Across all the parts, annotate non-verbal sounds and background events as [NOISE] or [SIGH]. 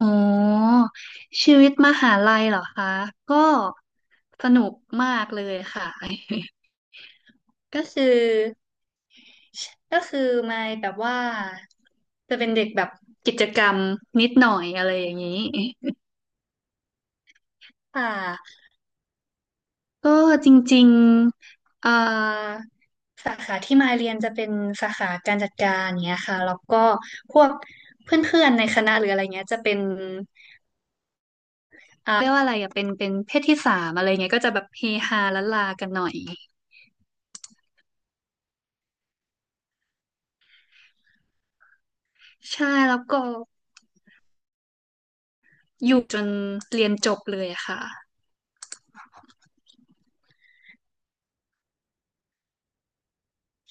อ๋อชีวิตมหาลัยเหรอคะก็สนุกมากเลยค่ะ [LAUGHS] ก็คือก็คือมายแบบว่าจะเป็นเด็กแบบกิจกรรมนิดหน่อยอะไรอย่างนี้ค่ะก็จริงๆสาขาที่มายเรียนจะเป็นสาขาการจัดการเนี้ยค่ะแล้วก็พวกเพื่อนๆในคณะหรืออะไรเงี้ยจะเป็น อ่าเรียกว่าอะไรอ่ะเป็นเพศที่สามอะไรเงี้ยก็จะแบบเฮฮาละลากันหน่อยใช่แล้วก็อยู่จนเรียนจบเลยอะค่ะ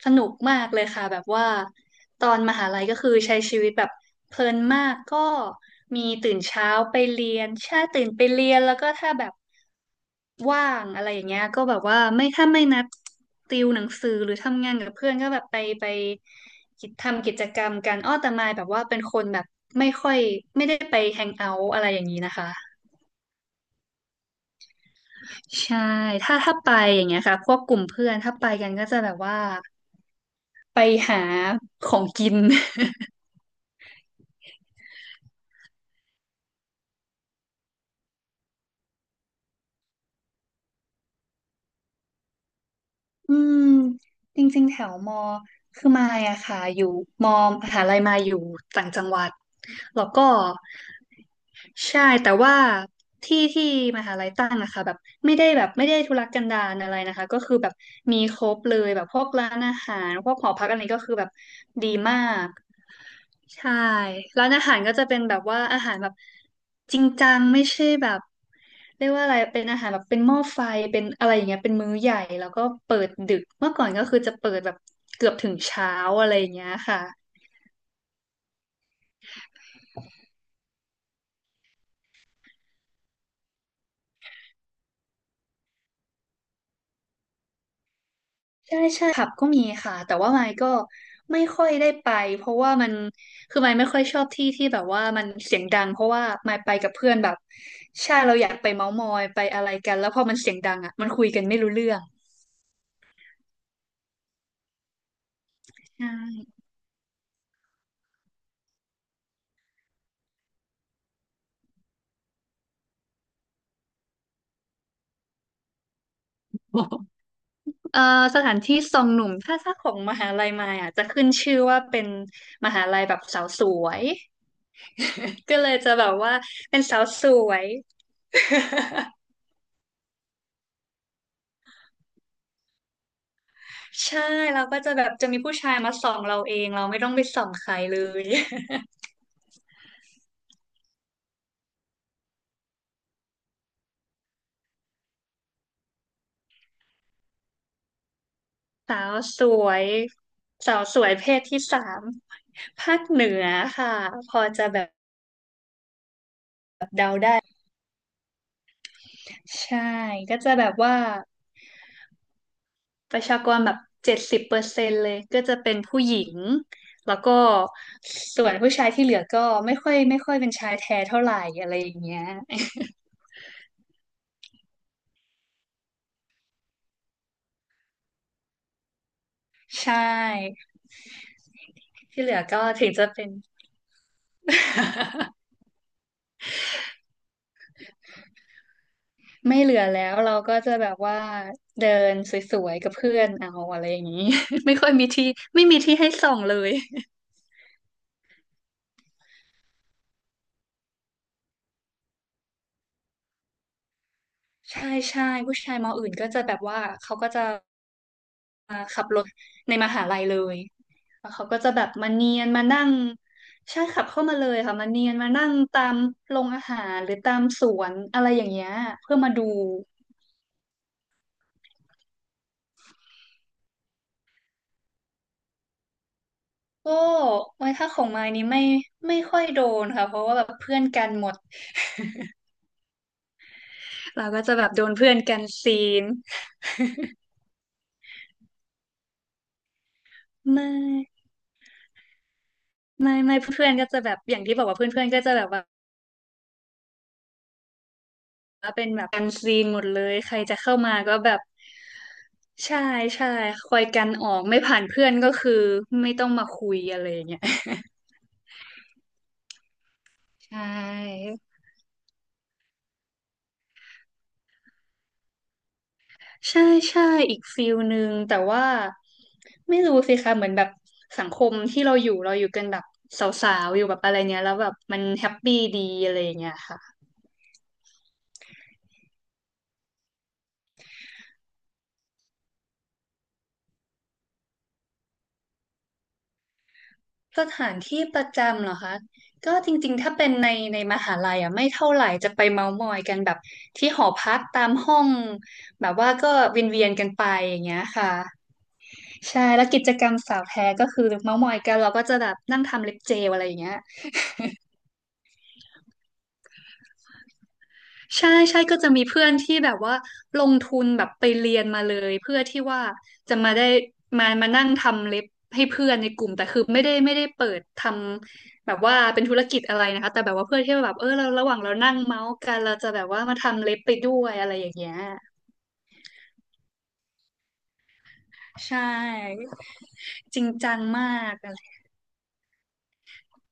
สนุกมากเลยค่ะแบบว่าตอนมหาลัยก็คือใช้ชีวิตแบบเพลินมากก็มีตื่นเช้าไปเรียนใช่ตื่นไปเรียนแล้วก็ถ้าแบบว่างอะไรอย่างเงี้ยก็แบบว่าไม่ถ้าไม่นัดติวหนังสือหรือทำงานกับเพื่อนก็แบบไปทำกิจกรรมกันอ้อแต่มายแบบว่าเป็นคนแบบไม่ค่อยไม่ได้ไปแฮงเอาท์อะไรอย่างนี้นะคะใช่ถ้าไปอย่างเงี้ยค่ะพวกกลุ่มเพื่อนถ้าไปกันก็จะแบบว่าไปหาของกิน [LAUGHS] อืมจริงๆแถวมอคือมายอะค่ะอยู่มอมหาลัยมายอยู่ต่างจังหวัดแล้วก็ใช่แต่ว่าที่ที่มหาลัยตั้งนะคะแบบไม่ได้ทุรกันดารอะไรนะคะก็คือแบบมีครบเลยแบบพวกร้านอาหารพวกหอพักอะไรก็คือแบบดีมาก ใช่ร้านอาหารก็จะเป็นแบบว่าอาหารแบบจริงจังไม่ใช่แบบเรียกว่าอะไรเป็นอาหารแบบเป็นหม้อไฟเป็นอะไรอย่างเงี้ยเป็นมื้อใหญ่แล้วก็เปิดดึกเมื่อก่อนก็คือจะเปิดแบบเกือบถึงเช้าอะไรอย่างเงี้ยค่ะใช่ใช่ผับก็มีค่ะแต่ว่าไมค์ก็ไม่ค่อยได้ไปเพราะว่ามันคือไมค์ไม่ค่อยชอบที่ที่แบบว่ามันเสียงดังเพราะว่าไมค์ไปกับเพื่อนแบบใช่เราอยากไปเม้าท์มอยไปอะไรกันแล้วพอมันเสียงดังอ่ะมันคุยกันไม่รู้เรื่องใช่ เอ่อสถานที่ทรงหนุ่มถ้าของมหาลัยมายอ่ะจะขึ้นชื่อว่าเป็นมหาลัยแบบสาวสวย [LAUGHS] ก็เลยจะแบบว่าเป็นสาวสวย [LAUGHS] ใช่เราก็จะแบบจะมีผู้ชายมาส่องเราเอง เราไม่ต้องไปส่องใครเลย [LAUGHS] สาวสวยสาวสวยเพศที่สามภาคเหนือค่ะพอจะแบบใช่ก็จะแบบว่า ประชากรแบบ70%เลยก็จะเป็นผู้หญิงแล้วก็ส่วนผู้ชายที่เหลือก็ไม่ค่อยเป็นชายแท้เท่าไหร่อะไรอย่างเงี้ย [LAUGHS] ใช่ที่เหลือก็ถึงจะเป็นไม่เหลือแล้วเราก็จะแบบว่าเดินสวยๆกับเพื่อนเอาอะไรอย่างนี้ [LAUGHS] ไม่ค่อยมีที่ไม่มีที่ให้ส่องเลย [LAUGHS] ใช่ใช่ผู้ชายมออื่นก็จะแบบว่าเขาก็จะขับรถในมหาลัยเลย แล้วเขาก็จะแบบมาเนียนมานั่งใช่ขับเข้ามาเลยค่ะมาเนียนมานั่งตามโรงอาหารหรือตามสวนอะไรอย่างเงี้ยเพื่อมาดูก็ไว้ถ้าของมายนี้ไม่ค่อยโดนค่ะเพราะว่าแบบเพื่อนกันหมดเราก็จะแบบโดนเพื่อนกันซีนไม่ไม่เพื่อนๆก็จะแบบอย่างที่บอกว่าเพื่อนๆก็จะแบบว่าเป็นแบบกันซีนหมดเลยใครจะเข้ามาก็แบบใช่ใช่คอยกันออกไม่ผ่านเพื่อนก็คือไม่ต้องมาคุยอะไรอย่างเงี้ย [LAUGHS] ใช่ ใช่ใช่อีกฟิลหนึ่งแต่ว่าไม่รู้สิคะเหมือนแบบสังคมที่เราอยู่เราอยู่กันแบบสาวๆอยู่แบบอะไรเนี้ยแล้วแบบมันแฮปปี้ดีอะไรอย่างเงี้ยค่ะสถานที่ประจำเหรอคะก็จริงๆถ้าเป็นในมหาลัยอ่ะไม่เท่าไหร่จะไปเมาท์มอยกันแบบที่หอพักตามห้องแบบว่าก็เวียนๆกันไปอย่างเงี้ยค่ะใช่แล้วกิจกรรมสาวแท้ก็คือเมาท์มอยกันเราก็จะแบบนั่งทำเล็บเจลอะไรอย่างเงี้ย ใช่ใช่ก็จะมีเพื่อนที่แบบว่าลงทุนแบบไปเรียนมาเลยเพื่อที่ว่าจะมาได้มานั่งทำเล็บให้เพื่อนในกลุ่มแต่คือไม่ได้เปิดทำแบบว่าเป็นธุรกิจอะไรนะคะแต่แบบว่าเพื่อที่ว่าแบบเออเราระหว่างเรานั่งเมาส์กันเราจะแบบว่ามาทำเล็บไปด้วยอะไรอย่างเงี้ยใช่จริงจังมากอะไร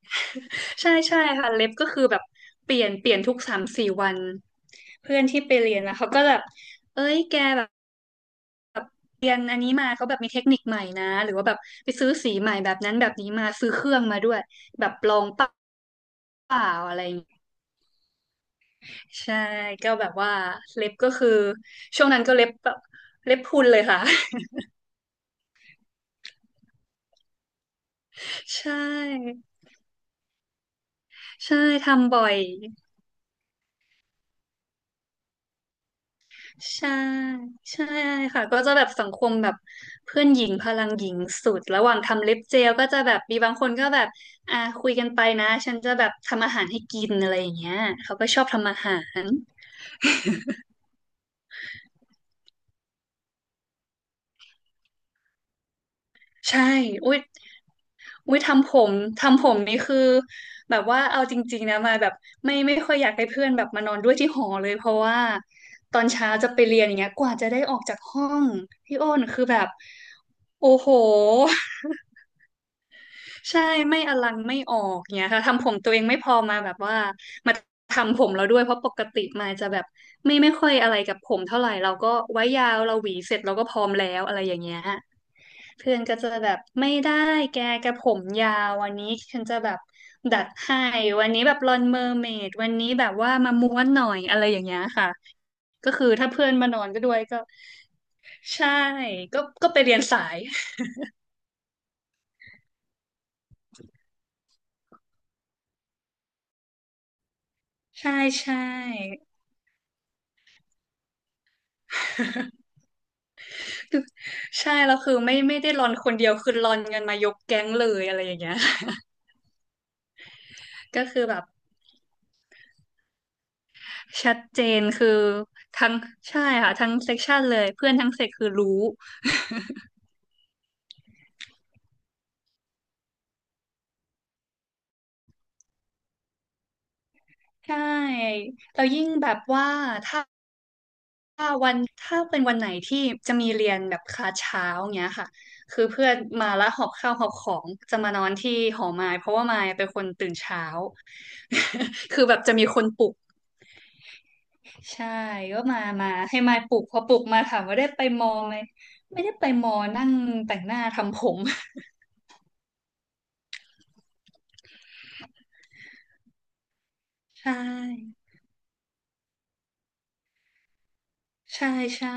[LAUGHS] ใช่ใช่ค่ะเล็บก็คือแบบเปลี่ยนทุก3-4 วันเพื่อนที่ไปเรียนนะเขาก็แบบเอ้ยแกแบบ เรียนอันนี้มาเขาแบบมีเทคนิคใหม่นะหรือว่าแบบไปซื้อสีใหม่แบบนั้นแบบนี้มาซื้อเครื่องมาด้วยแบบลองเปล่าอะไรอย่างเงี้ยใช่ก็แบบว่าเล็บก็คือช่วงนั้นก็เล็บแบบเล็บพรุนเลยค่ะ [LAUGHS] ใช่ใช่ทำบ่อยใช่ใช่ค่ะก็จะแบบสังคมแบบเพื่อนหญิงพลังหญิงสุดระหว่างทำเล็บเจลก็จะแบบมีบางคนก็แบบคุยกันไปนะฉันจะแบบทำอาหารให้กินอะไรอย่างเงี้ยเขาก็ชอบทำอาหารใช่อุ้ย อุ้ยทำผมทำผมนี่คือแบบว่าเอาจริงๆนะมาแบบไม่ค่อยอยากให้เพื่อนแบบมานอนด้วยที่หอเลยเพราะว่าตอนเช้าจะไปเรียนอย่างเงี้ยกว่าจะได้ออกจากห้องพี่อ้นคือแบบโอ้โห ใช่ไม่อลังไม่ออกเนี่ยค่ะทำผมตัวเองไม่พอมาแบบว่ามาทำผมเราด้วยเพราะปกติมาจะแบบไม่ค่อยอะไรกับผมเท่าไหร่เราก็ไว้ยาวเราหวีเสร็จเราก็พร้อมแล้วอะไรอย่างเงี้ยฮะเพื่อนก็จะแบบไม่ได้แกกระผมยาววันนี้ฉันจะแบบดัดให้วันนี้แบบลอนเมอร์เมดวันนี้แบบว่ามาม้วนหน่อยอะไรอย่างเงี้ยค่ะก็คือถ้าเพื่อนมานอนก็ด้วยก็ใช่ก็ไปเรียนสายใช่ใช่ ใช่แล้วคือไม่ได้รอนคนเดียวคือรอนกันมายกแก๊งเลยอะไรอย่างเงี้ย [LAUGHS] ก็คือแบบชัดเจนคือทั้งใช่ค่ะทั้งเซกชันเลยเพื่อนทั้งเซกคือรู้ใช่แล้วยิ่งแบบว่าถ้าวันถ้าเป็นวันไหนที่จะมีเรียนแบบคลาสเช้าเงี้ยค่ะคือเพื่อนมาแล้วหอบข้าวหอบของจะมานอนที่หอมายเพราะว่ามายเป็นคนตื่นเช้า [LAUGHS] คือแบบจะมีคนปลุก ใช่ก็มาให้มายปลุกพอปลุกมาถามว่าได้ไปมอไหมไม่ได้ไปมอนั่งแต่งหน้าทำผมใช่ใช่ใช่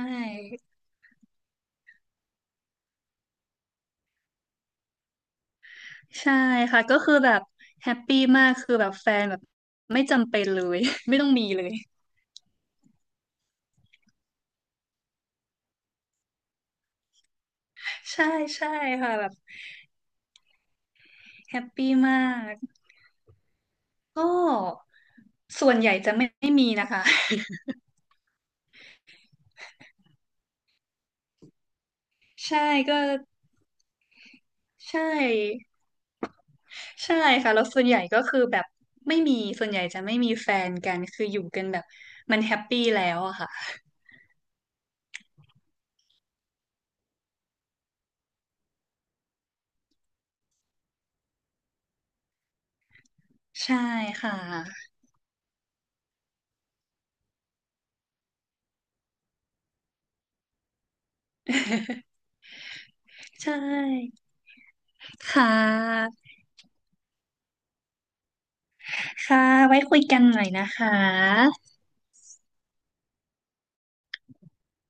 ใช่ค่ะก็คือแบบแฮปปี้มากคือแบบแฟนแบบไม่จำเป็นเลย [LAUGHS] ไม่ต้องมีเลยใช่ใช่ค่ะแบบแฮปปี้มากก็ส่วนใหญ่จะไม่มีนะคะ [LAUGHS] ใช่ก็ใช่ ใช่ค่ะ แล้วส่วนใหญ่ก็คือแบบไม่มี ส่วนใหญ่จะไม่มีแฟนกัน คืออยู่กันแบบมันแฮปปี้แล้วอะค่ะ ใช่ค่ะ [LAUGHS] ใช่ค่ะ ค่ะ ไว้คุยกันหน่อยนะคะ